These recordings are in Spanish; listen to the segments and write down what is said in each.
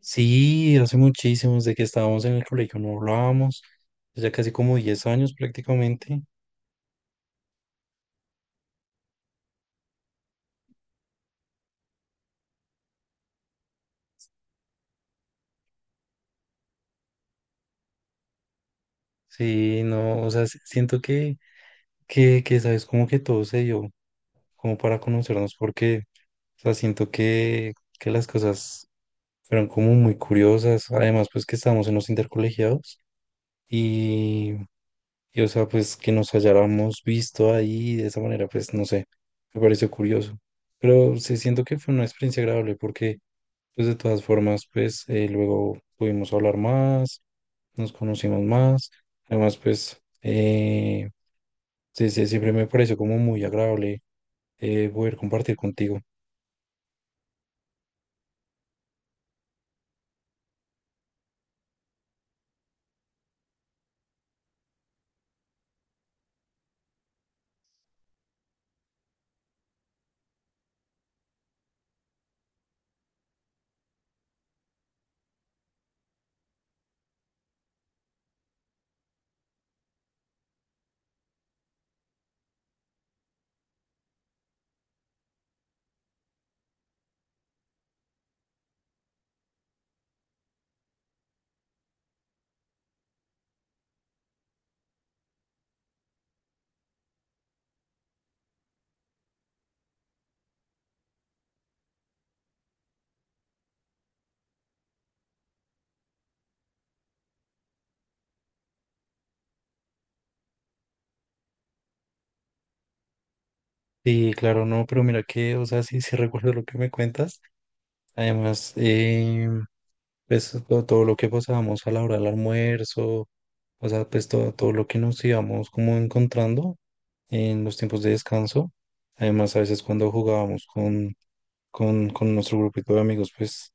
Sí, hace muchísimos de que estábamos en el colegio no hablábamos, ya casi como 10 años prácticamente. Sí, no, o sea, siento que, sabes, como que todo se dio, como para conocernos, porque, o sea, siento que las cosas fueron como muy curiosas, además, pues que estábamos en los intercolegiados y, y, o sea, pues que nos hayáramos visto ahí de esa manera, pues no sé, me pareció curioso. Pero sí siento que fue una experiencia agradable porque pues de todas formas, pues luego pudimos hablar más, nos conocimos más. Además, pues sí, sí, siempre me pareció como muy agradable poder compartir contigo. Sí, claro, no, pero mira que, o sea, sí, sí recuerdo lo que me cuentas. Además, pues todo lo que pasábamos a la hora del almuerzo, o sea, pues todo lo que nos íbamos como encontrando en los tiempos de descanso. Además, a veces cuando jugábamos con nuestro grupito de amigos, pues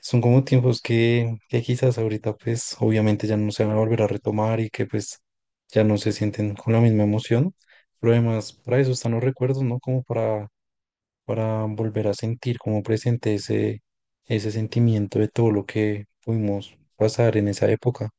son como tiempos que quizás ahorita pues obviamente ya no se van a volver a retomar y que pues ya no se sienten con la misma emoción, pero además para eso están los recuerdos, ¿no? Como para volver a sentir como presente ese, ese sentimiento de todo lo que pudimos pasar en esa época.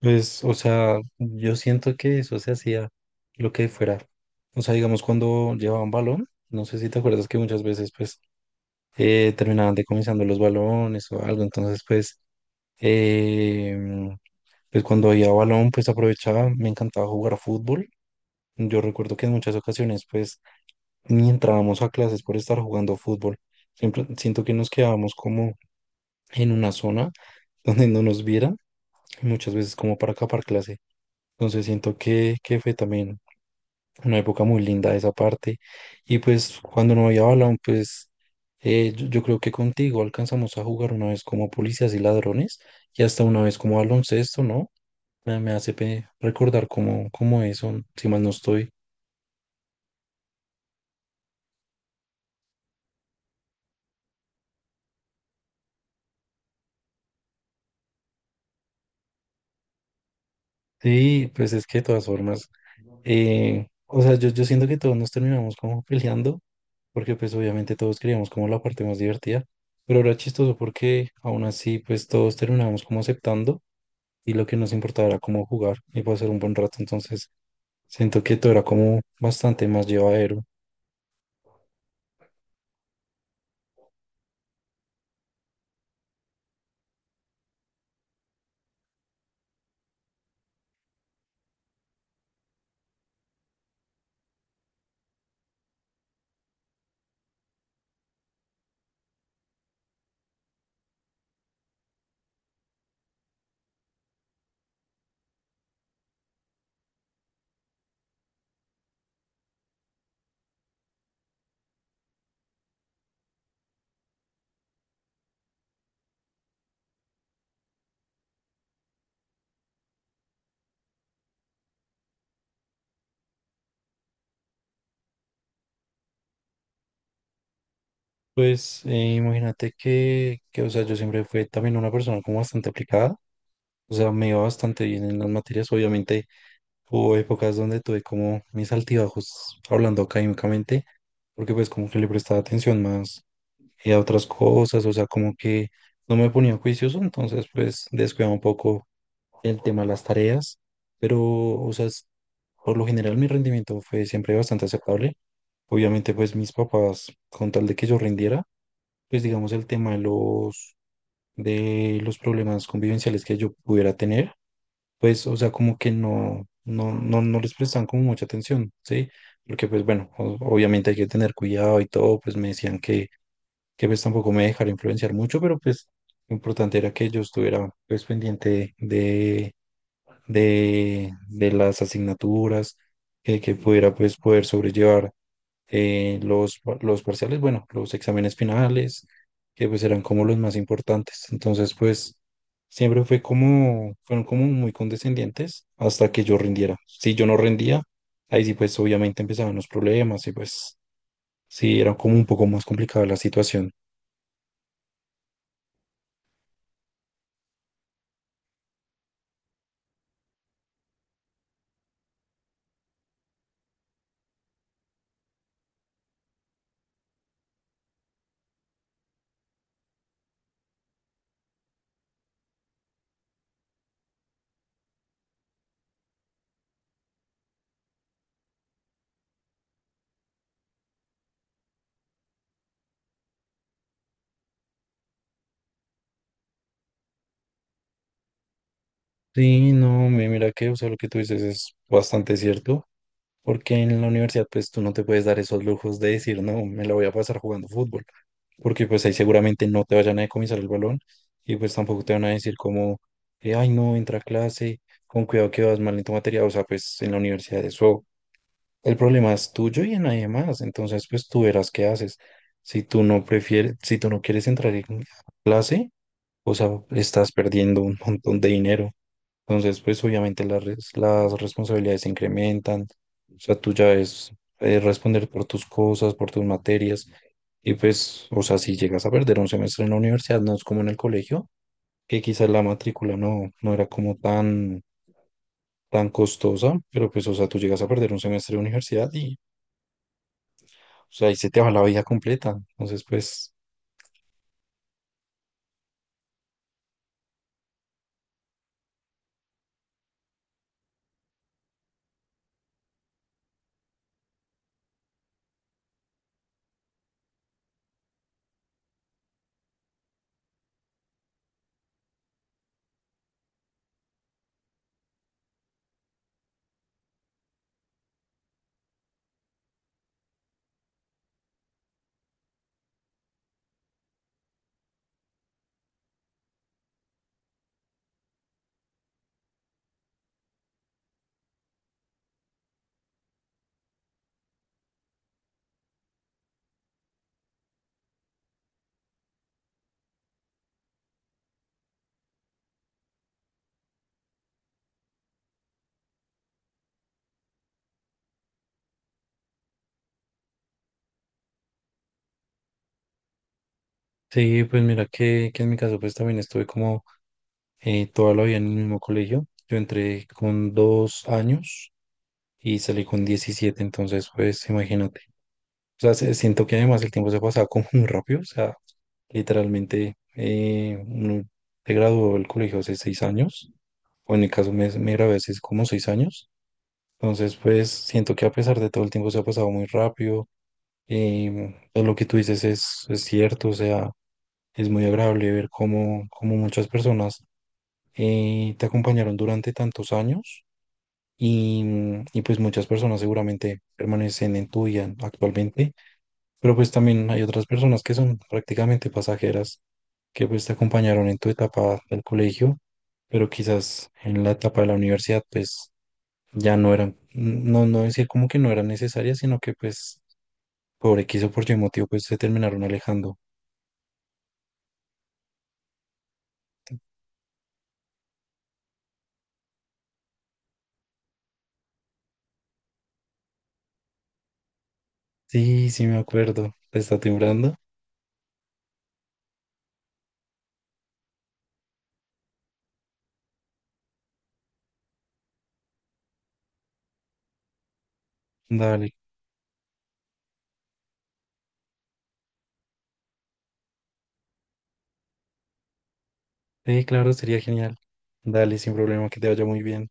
Pues, o sea, yo siento que eso se hacía lo que fuera. O sea, digamos cuando llevaban balón, no sé si te acuerdas que muchas veces pues terminaban decomisando los balones o algo, entonces Em, pues cuando había balón, pues aprovechaba, me encantaba jugar fútbol. Yo recuerdo que en muchas ocasiones, pues, ni entrábamos a clases por estar jugando fútbol. Siempre siento que nos quedábamos como en una zona donde no nos vieran, y muchas veces como para escapar clase. Entonces siento que, fue también una época muy linda esa parte. Y pues cuando no había balón, pues yo creo que contigo alcanzamos a jugar una vez como policías y ladrones y hasta una vez como baloncesto, ¿no? Me hace recordar cómo eso, si mal no estoy. Sí, pues es que de todas formas, o sea, yo siento que todos nos terminamos como peleando, porque pues obviamente todos queríamos como la parte más divertida, pero era chistoso porque aún así pues todos terminamos como aceptando y lo que nos importaba era como jugar y pasar un buen rato, entonces siento que todo era como bastante más llevadero. Pues imagínate que, o sea, yo siempre fui también una persona como bastante aplicada. O sea, me iba bastante bien en las materias. Obviamente hubo épocas donde tuve como mis altibajos hablando académicamente, porque pues como que le prestaba atención más a otras cosas, o sea, como que no me ponía juicioso, entonces pues descuidaba un poco el tema de las tareas, pero o sea, por lo general mi rendimiento fue siempre bastante aceptable. Obviamente pues mis papás, con tal de que yo rindiera, pues digamos el tema de los, problemas convivenciales que yo pudiera tener pues, o sea, como que no les prestaban como mucha atención, ¿sí? Porque, pues, bueno, obviamente hay que tener cuidado y todo, pues me decían que, pues tampoco me dejara influenciar mucho, pero pues lo importante era que yo estuviera, pues, pendiente de las asignaturas, que, pudiera, pues, poder sobrellevar los, parciales, bueno, los exámenes finales, que pues eran como los más importantes. Entonces, pues siempre fue como, fueron como muy condescendientes hasta que yo rindiera. Si yo no rendía, ahí sí pues obviamente empezaban los problemas y pues sí, era como un poco más complicada la situación. Sí, no, mira que, o sea, lo que tú dices es bastante cierto, porque en la universidad pues tú no te puedes dar esos lujos de decir, no, me la voy a pasar jugando fútbol, porque pues ahí seguramente no te vayan a decomisar el balón y pues tampoco te van a decir como, ay no, entra a clase, con cuidado que vas mal en tu materia, o sea, pues en la universidad eso, el problema es tuyo y en nadie más, entonces pues tú verás qué haces. Si tú no prefieres, si tú no quieres entrar en clase, o sea, estás perdiendo un montón de dinero. Entonces, pues obviamente las, las responsabilidades se incrementan. O sea, tú ya es responder por tus cosas, por tus materias. Y pues, o sea, si llegas a perder un semestre en la universidad, no es como en el colegio, que quizás la matrícula no era como tan, costosa, pero pues, o sea, tú llegas a perder un semestre de universidad y, o sea, ahí se te va la vida completa. Entonces, pues, sí, pues mira que, en mi caso, pues también estuve como toda la vida en el mismo colegio. Yo entré con 2 años y salí con 17 entonces pues imagínate. O sea, siento que además el tiempo se pasaba como muy rápido, o sea, literalmente uno se graduó del colegio hace 6 años, o en mi caso me gradué hace como 6 años, entonces pues siento que a pesar de todo el tiempo se ha pasado muy rápido, todo lo que tú dices es cierto, o sea, es muy agradable ver cómo muchas personas te acompañaron durante tantos años y, y pues muchas personas seguramente permanecen en tu vida actualmente, pero pues también hay otras personas que son prácticamente pasajeras, que pues te acompañaron en tu etapa del colegio, pero quizás en la etapa de la universidad pues ya no eran, no decir como que no eran necesarias, sino que pues por X o por Y motivo pues se terminaron alejando. Sí, sí me acuerdo, ¿te está timbrando? Dale, sí, claro, sería genial. Dale, sin problema, que te vaya muy bien.